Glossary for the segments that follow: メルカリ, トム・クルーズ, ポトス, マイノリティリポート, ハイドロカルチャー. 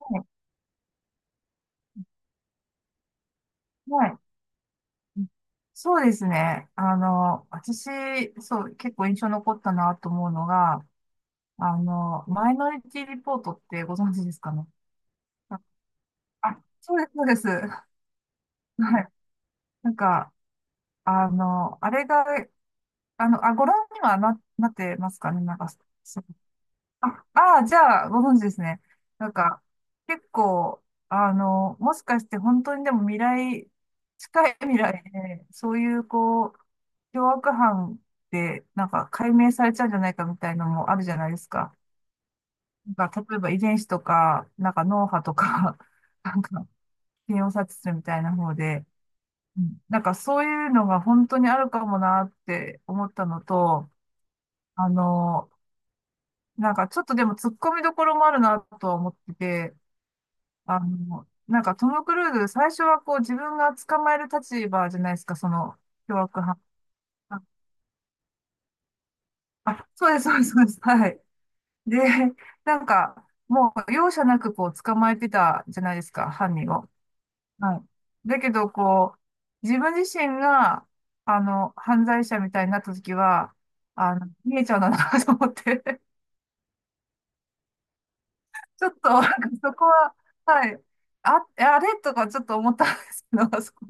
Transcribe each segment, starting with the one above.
はい。はい、そうですね。私、そう、結構印象残ったなと思うのが、マイノリティリポートってご存知ですかね。あ、あそうです、そうです。はい。なんか、あれが、あ、ご覧にはなってますかね。なんか、そあ、あーじゃあ、ご存知ですね。なんか、結構、もしかして本当にでも近い未来で、そういう、こう、凶悪犯ってなんか解明されちゃうんじゃないかみたいのもあるじゃないですか。なんか、例えば遺伝子とか、なんか脳波とか、なんか、検を察知するみたいな方で、うん、なんかそういうのが本当にあるかもなって思ったのと、あの、なんかちょっとでも突っ込みどころもあるなとは思ってて、なんかトム・クルーズ、最初はこう自分が捕まえる立場じゃないですか、その凶悪犯。あ、あそうです、そうです、そうです。はい。で、なんか、もう容赦なくこう捕まえてたじゃないですか、犯人を。はい。だけど、こう、自分自身が、犯罪者みたいになった時は、見えちゃうんだなと思って、ちょっと、なんかそこは、はい。あ、あれとかちょっと思ったんですけど、そこ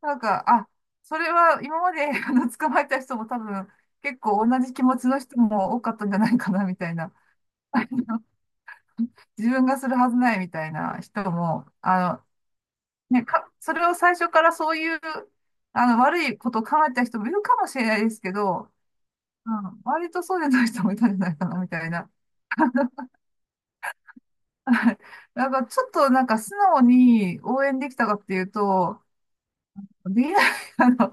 なんか、あ、それは今まで あの捕まえた人も多分結構同じ気持ちの人も多かったんじゃないかなみたいな、自分がするはずないみたいな人も、ね、それを最初からそういう、悪いことを考えた人もいるかもしれないですけど、うん、割とそうじゃない人もいたんじゃないかなみたいな。はい。なんかちょっとなんか素直に応援できたかっていうと、できない、あの、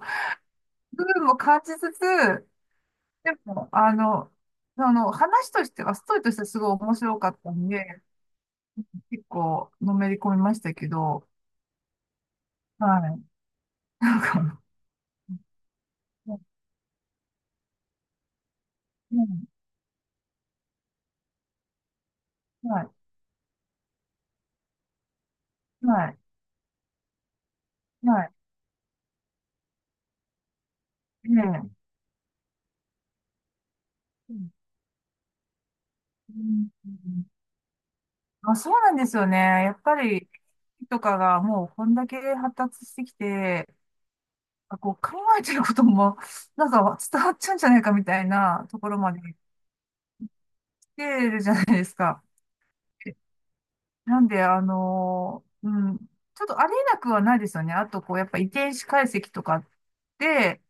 部分も感じつつ、でも、その話としては、ストーリーとしてはすごい面白かったんで、結構のめり込みましたけど、はい。なんか、うん、うん、はい、はい、はい、ねえ。うん、うん、あ、そうなんですよね。やっぱり、とかがもうこんだけ発達してきて、あ、こう考えてることも、なんか伝わっちゃうんじゃないかみたいなところまで来てるじゃないですか。なんで、うん、ちょっとありえなくはないですよね。あと、こう、やっぱ遺伝子解析とかで、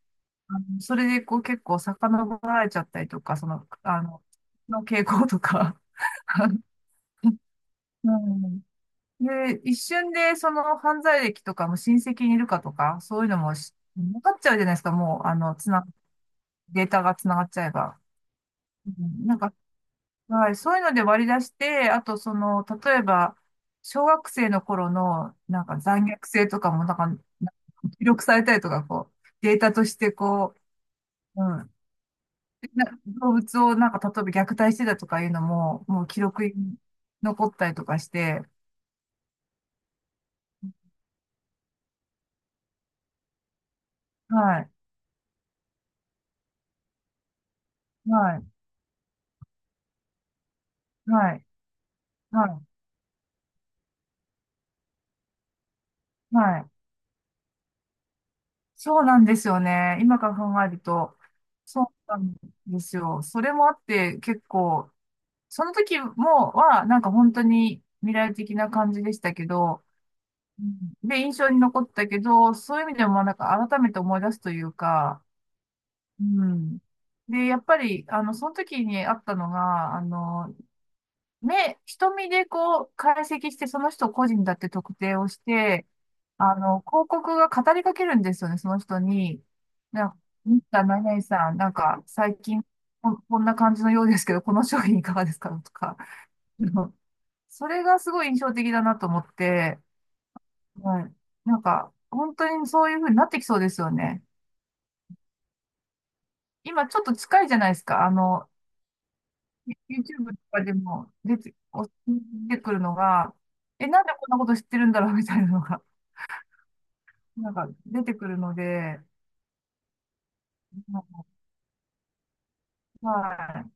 それで、こう、結構遡られちゃったりとか、その、の傾向とか。うん。で、一瞬で、その犯罪歴とかも親戚にいるかとか、そういうのもし分かっちゃうじゃないですか。もう、データがつながっちゃえば。うん、なんか、はい、そういうので割り出して、あとその、例えば、小学生の頃の、なんか残虐性とかも、なんか記録されたりとか、こう、データとしてこう、うん、動物をなんか、例えば虐待してたとかいうのも、もう記録に残ったりとかして、はい、はい、はい、はい、はい。そうなんですよね。今から考えると、そうなんですよ。それもあって、結構、その時も、なんか本当に未来的な感じでしたけど、うん。で、印象に残ったけど、そういう意味でもなんか改めて思い出すというか、うん。で、やっぱり、その時にあったのが、瞳でこう、解析して、その人個人だって特定をして、広告が語りかけるんですよね、その人に。なんか、ミスター何々さん、なんか、最近、こんな感じのようですけど、この商品いかがですかとか。あのそれがすごい印象的だなと思って、はい。なんか、本当にそういう風になってきそうですよね。今ちょっと近いじゃないですか。YouTube とかでも出てくるのが、え、なんでこんなこと知ってるんだろう みたいなのが、なんか出てくるので、はい。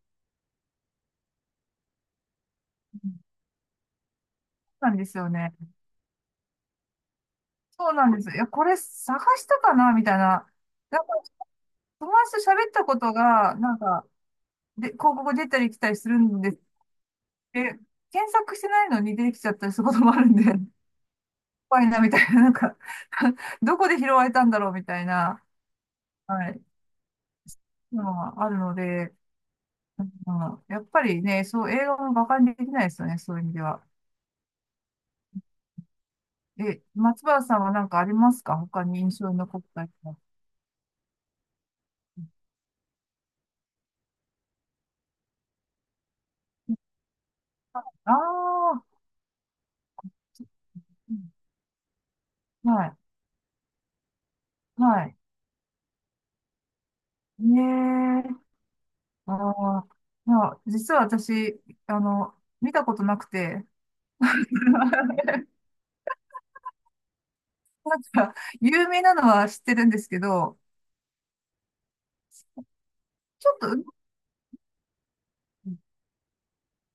そうなんですよね。そうなんです。いや、これ探したかなみたいな。なんか、友達と喋ったことが、なんか、で、広告出たり来たりするんです。え、検索してないのに出てきちゃったりすることもあるんで、怖いなみたいな、なんか どこで拾われたんだろうみたいな、はい、のはあるので、まあ、やっぱりね、そう、映画も馬鹿にできないですよね、そういう意味では。え、松原さんは何かありますか、他に印象に残ったりは。ああ、うん、はい、はい。ねえ、ああ、まあ、実は私、あの、見たことなくて、なんか、有名なのは知ってるんですけど、ちょっと、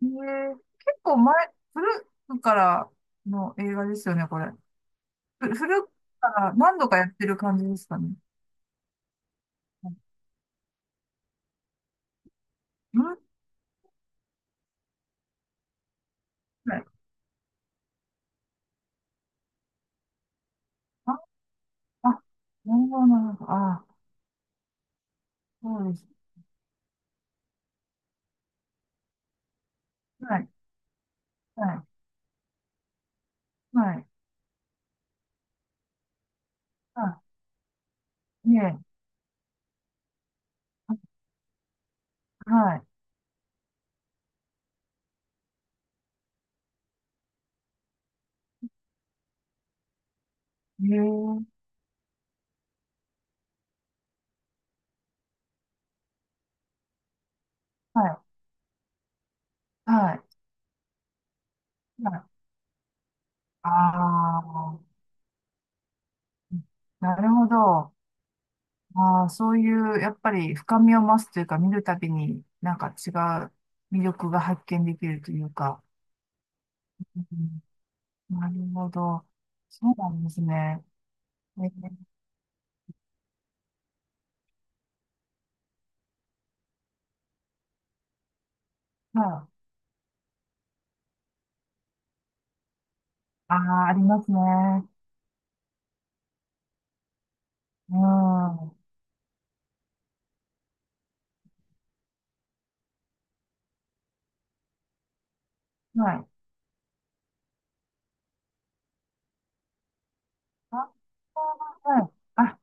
結構前、古くからの映画ですよね、これ。古くから何度かやってる感じですかね。うん、はい。あ、あ、なるほど、なるほど。あ、そうです。はい、はい、はい、はい、ねえ、はい、ねええ、はい、はい、はい。ああ、なるほど。ああ、そういう、やっぱり深みを増すというか、見るたびになんか違う魅力が発見できるというか。うん、なるほど。そうなんですね。えー、はい。ああ、ありますね。うん。はい。あ、はい。あ、はい、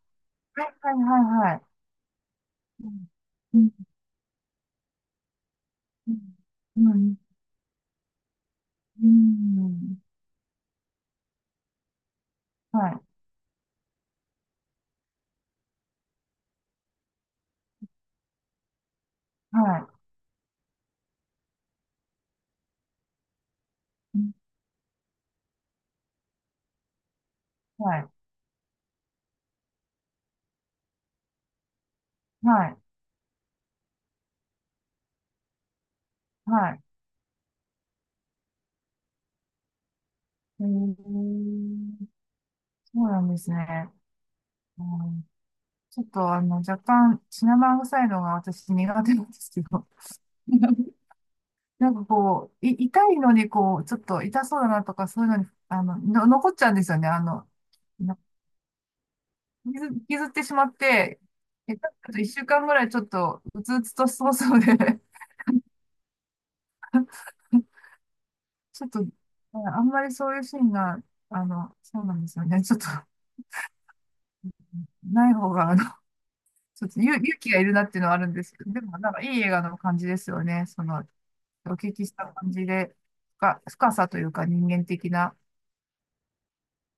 はい、はい、はい。うん、うん、うん、うん、うん、はい、はい、うん、はい、はい、はい。えー、そうなんですね。うん、ちょっと若干、シナモン臭いのが私苦手なんですけど。なんかこう、痛いのにこう、ちょっと痛そうだなとか、そういうのに、残っちゃうんですよね。な傷、傷ってしまって、下手すると1週間ぐらいちょっと、うつうつとしそうそうで、ちょっと、あんまりそういうシーンが、そうなんですよね。ちょっと、ない方が、ちょっと勇気がいるなっていうのはあるんですけど、でもなんかいい映画の感じですよね。その、お聞きした感じで、深さというか人間的な、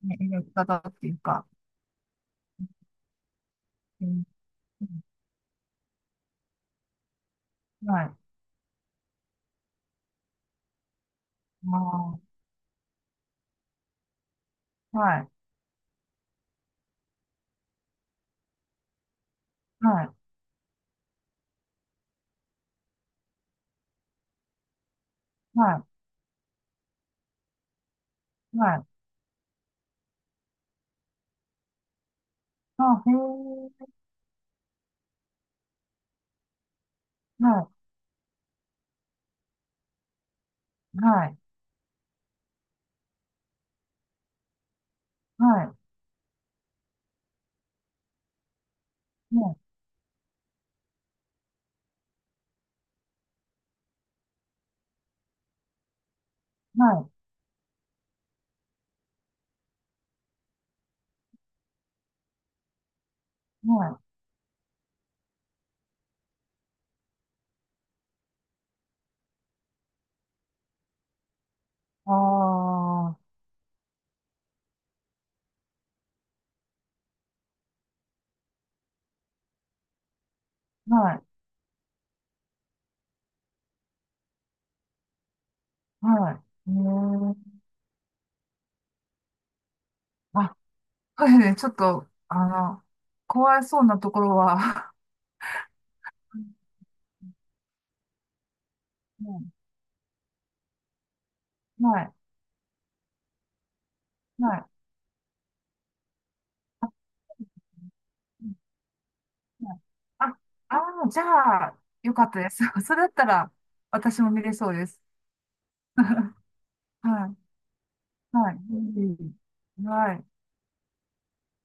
ね、描き方っていうか、うん、うん、はい、まあ、はい、はい、はい、はい、あ、へえ、はい、はい、はい、はい、はい、はい、ああ、はい、はい、へえ、あ、はい、ね、ちょっと、怖いそうなところは、はい、はい、はい、はい、はい、あ、あじゃあ、よかったです。それだったら、私も見れそうです。はい。はい。うん、はい。